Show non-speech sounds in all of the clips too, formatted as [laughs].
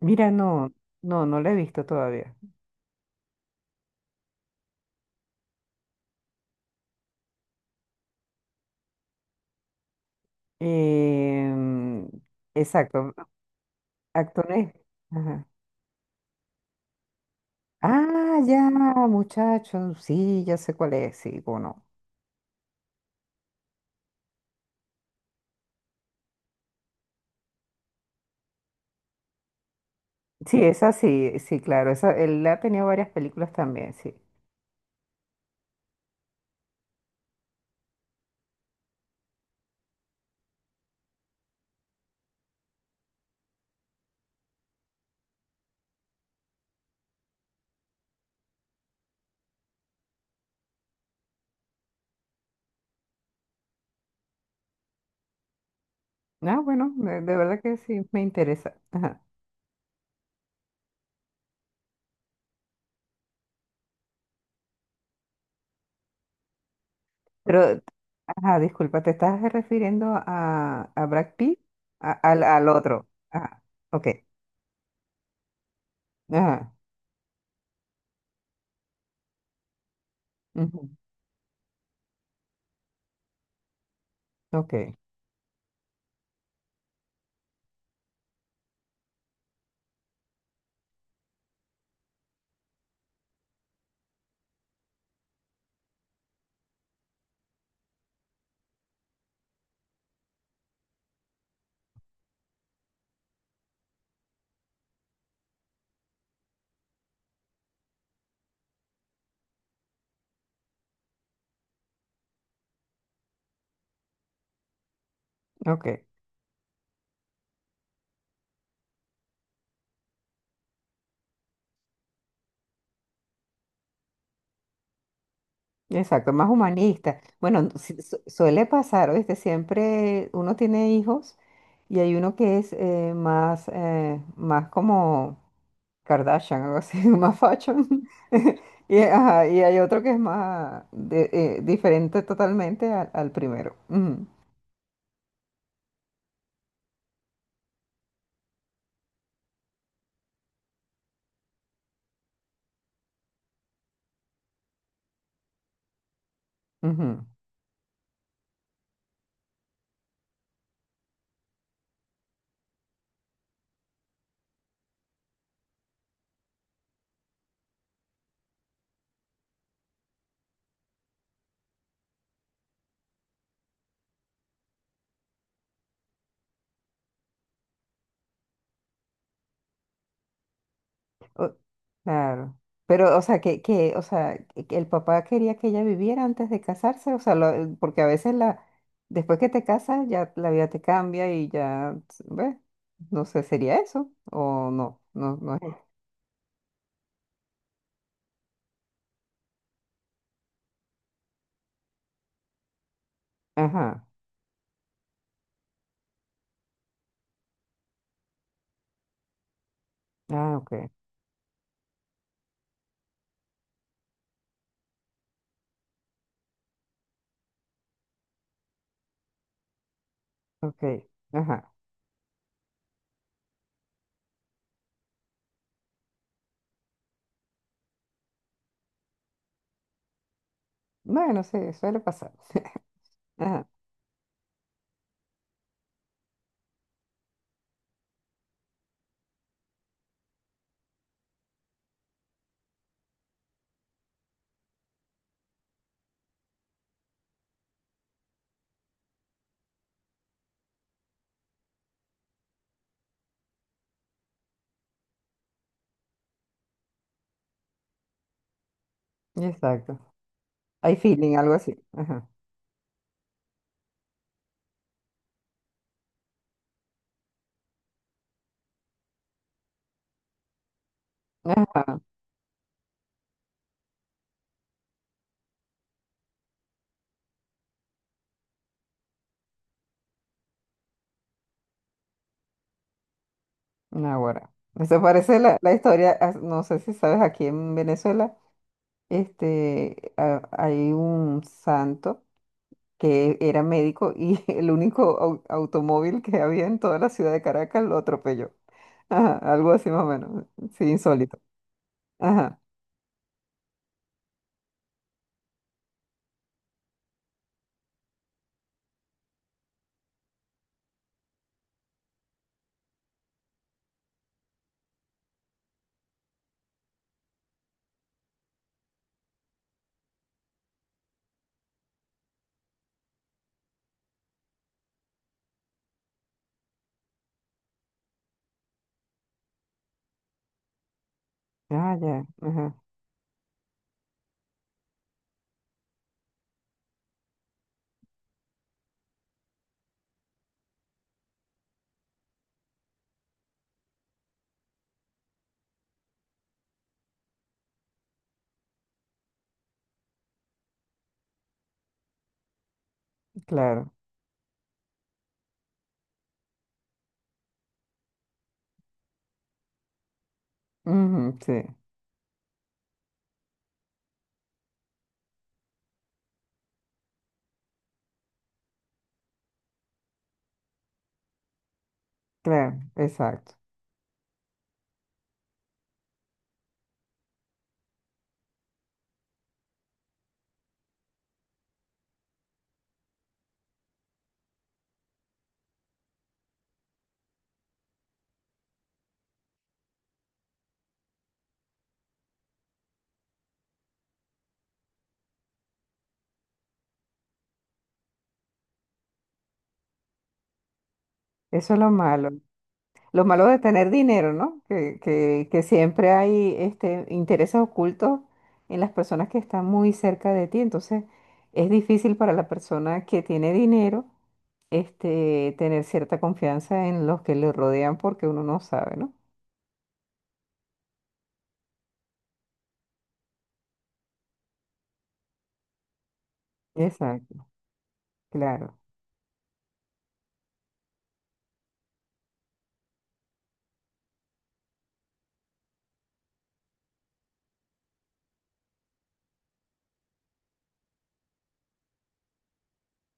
Mira, no, no, no la he visto todavía. Em, exacto, actores. Ajá. Ah, ya, muchacho, sí, ya sé cuál es, sí, o no. Sí, esa sí, sí, claro, esa, él ha tenido varias películas también, sí. Ah, bueno, de verdad que sí, me interesa. Ajá. Pero, ajá, disculpa, ¿te estás refiriendo a Brad Pitt? Al otro. Ah, ok. Ajá. Ujú. Ok, ok. Exacto, más humanista. Bueno, suele pasar, ¿viste? Siempre uno tiene hijos y hay uno que es más, más como Kardashian, algo así, [laughs] más fashion. [laughs] Y, ajá, y hay otro que es más diferente totalmente al primero. Ujú, ujú. O- claro. Pero, o sea, o sea, que el papá quería que ella viviera antes de casarse, o sea, porque a veces la, después que te casas, ya la vida te cambia y ya, ¿ves? No sé, ¿sería eso? O no, no, no es. Ajá. Ah, ok, ok. Ajá. Bueno, sí, suele pasar. [laughs] Ajá. Exacto. Hay feeling, algo así. Ajá. Ajá. Ahora. Eso parece la historia, ah, no sé si sabes, aquí en Venezuela. Este, hay un santo que era médico y [laughs] el único automóvil que había en toda la ciudad de Caracas lo atropelló. Ajá, algo así más o menos. Sí, insólito. Ajá. Ah, ya. Ajá. Claro. Ujú, sí, claro, exacto. Eso es lo malo. Lo malo de tener dinero, ¿no? Que siempre hay este, intereses ocultos en las personas que están muy cerca de ti. Entonces, es difícil para la persona que tiene dinero, este, tener cierta confianza en los que le rodean porque uno no sabe, ¿no? Exacto, claro.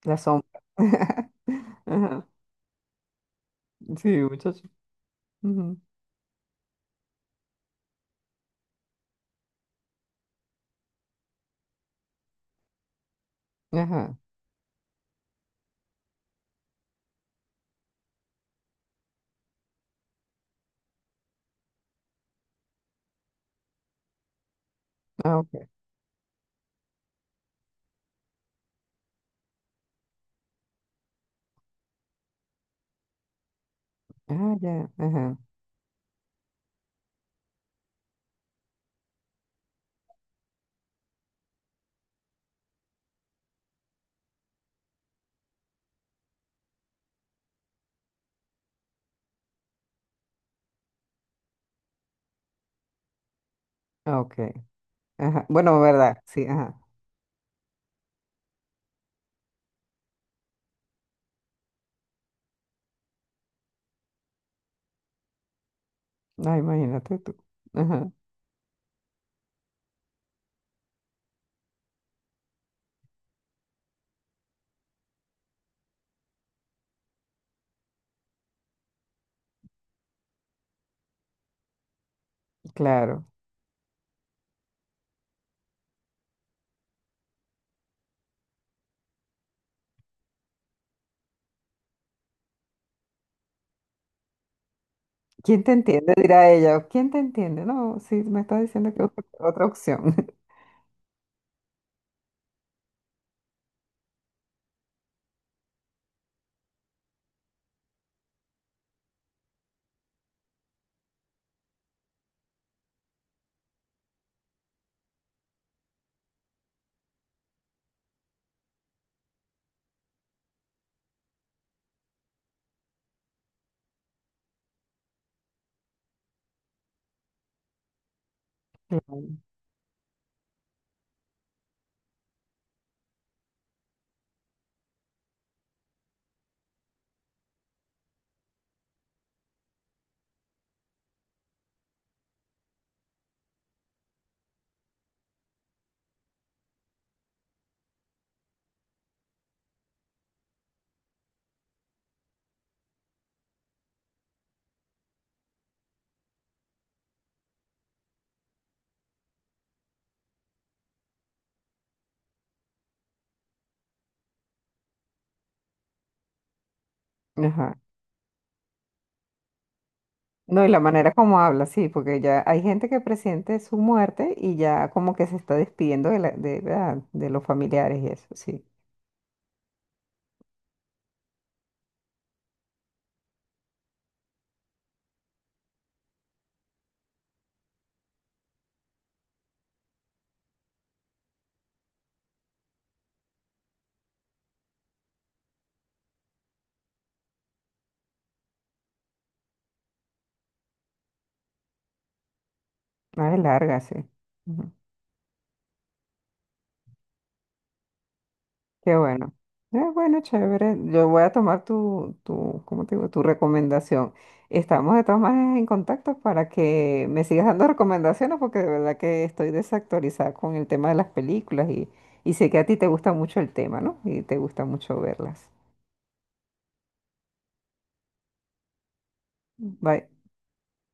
La sombra. [laughs] Ajá. Sí, muchacho. Ujú. Ajá. Ah, ok. Ah, ya. Ajá. Ah, ok. Ajá. Bueno, verdad. Sí, ajá. Ah, imagínate tú. Ajá. Claro. ¿Quién te entiende? Dirá ella. ¿Quién te entiende? No, sí, me está diciendo que busque otra opción. [laughs] Claro. Ajá. No, y la manera como habla, sí, porque ya hay gente que presiente su muerte y ya como que se está despidiendo de ¿verdad? De los familiares y eso, sí. Ah, es larga, sí. Ujú. Qué bueno. Bueno, chévere. Yo voy a tomar tu, ¿cómo te digo? Tu recomendación. Estamos de todas maneras en contacto para que me sigas dando [laughs] recomendaciones porque de verdad que estoy desactualizada con el tema de las películas y sé que a ti te gusta mucho el tema, ¿no? Y te gusta mucho verlas. Bye.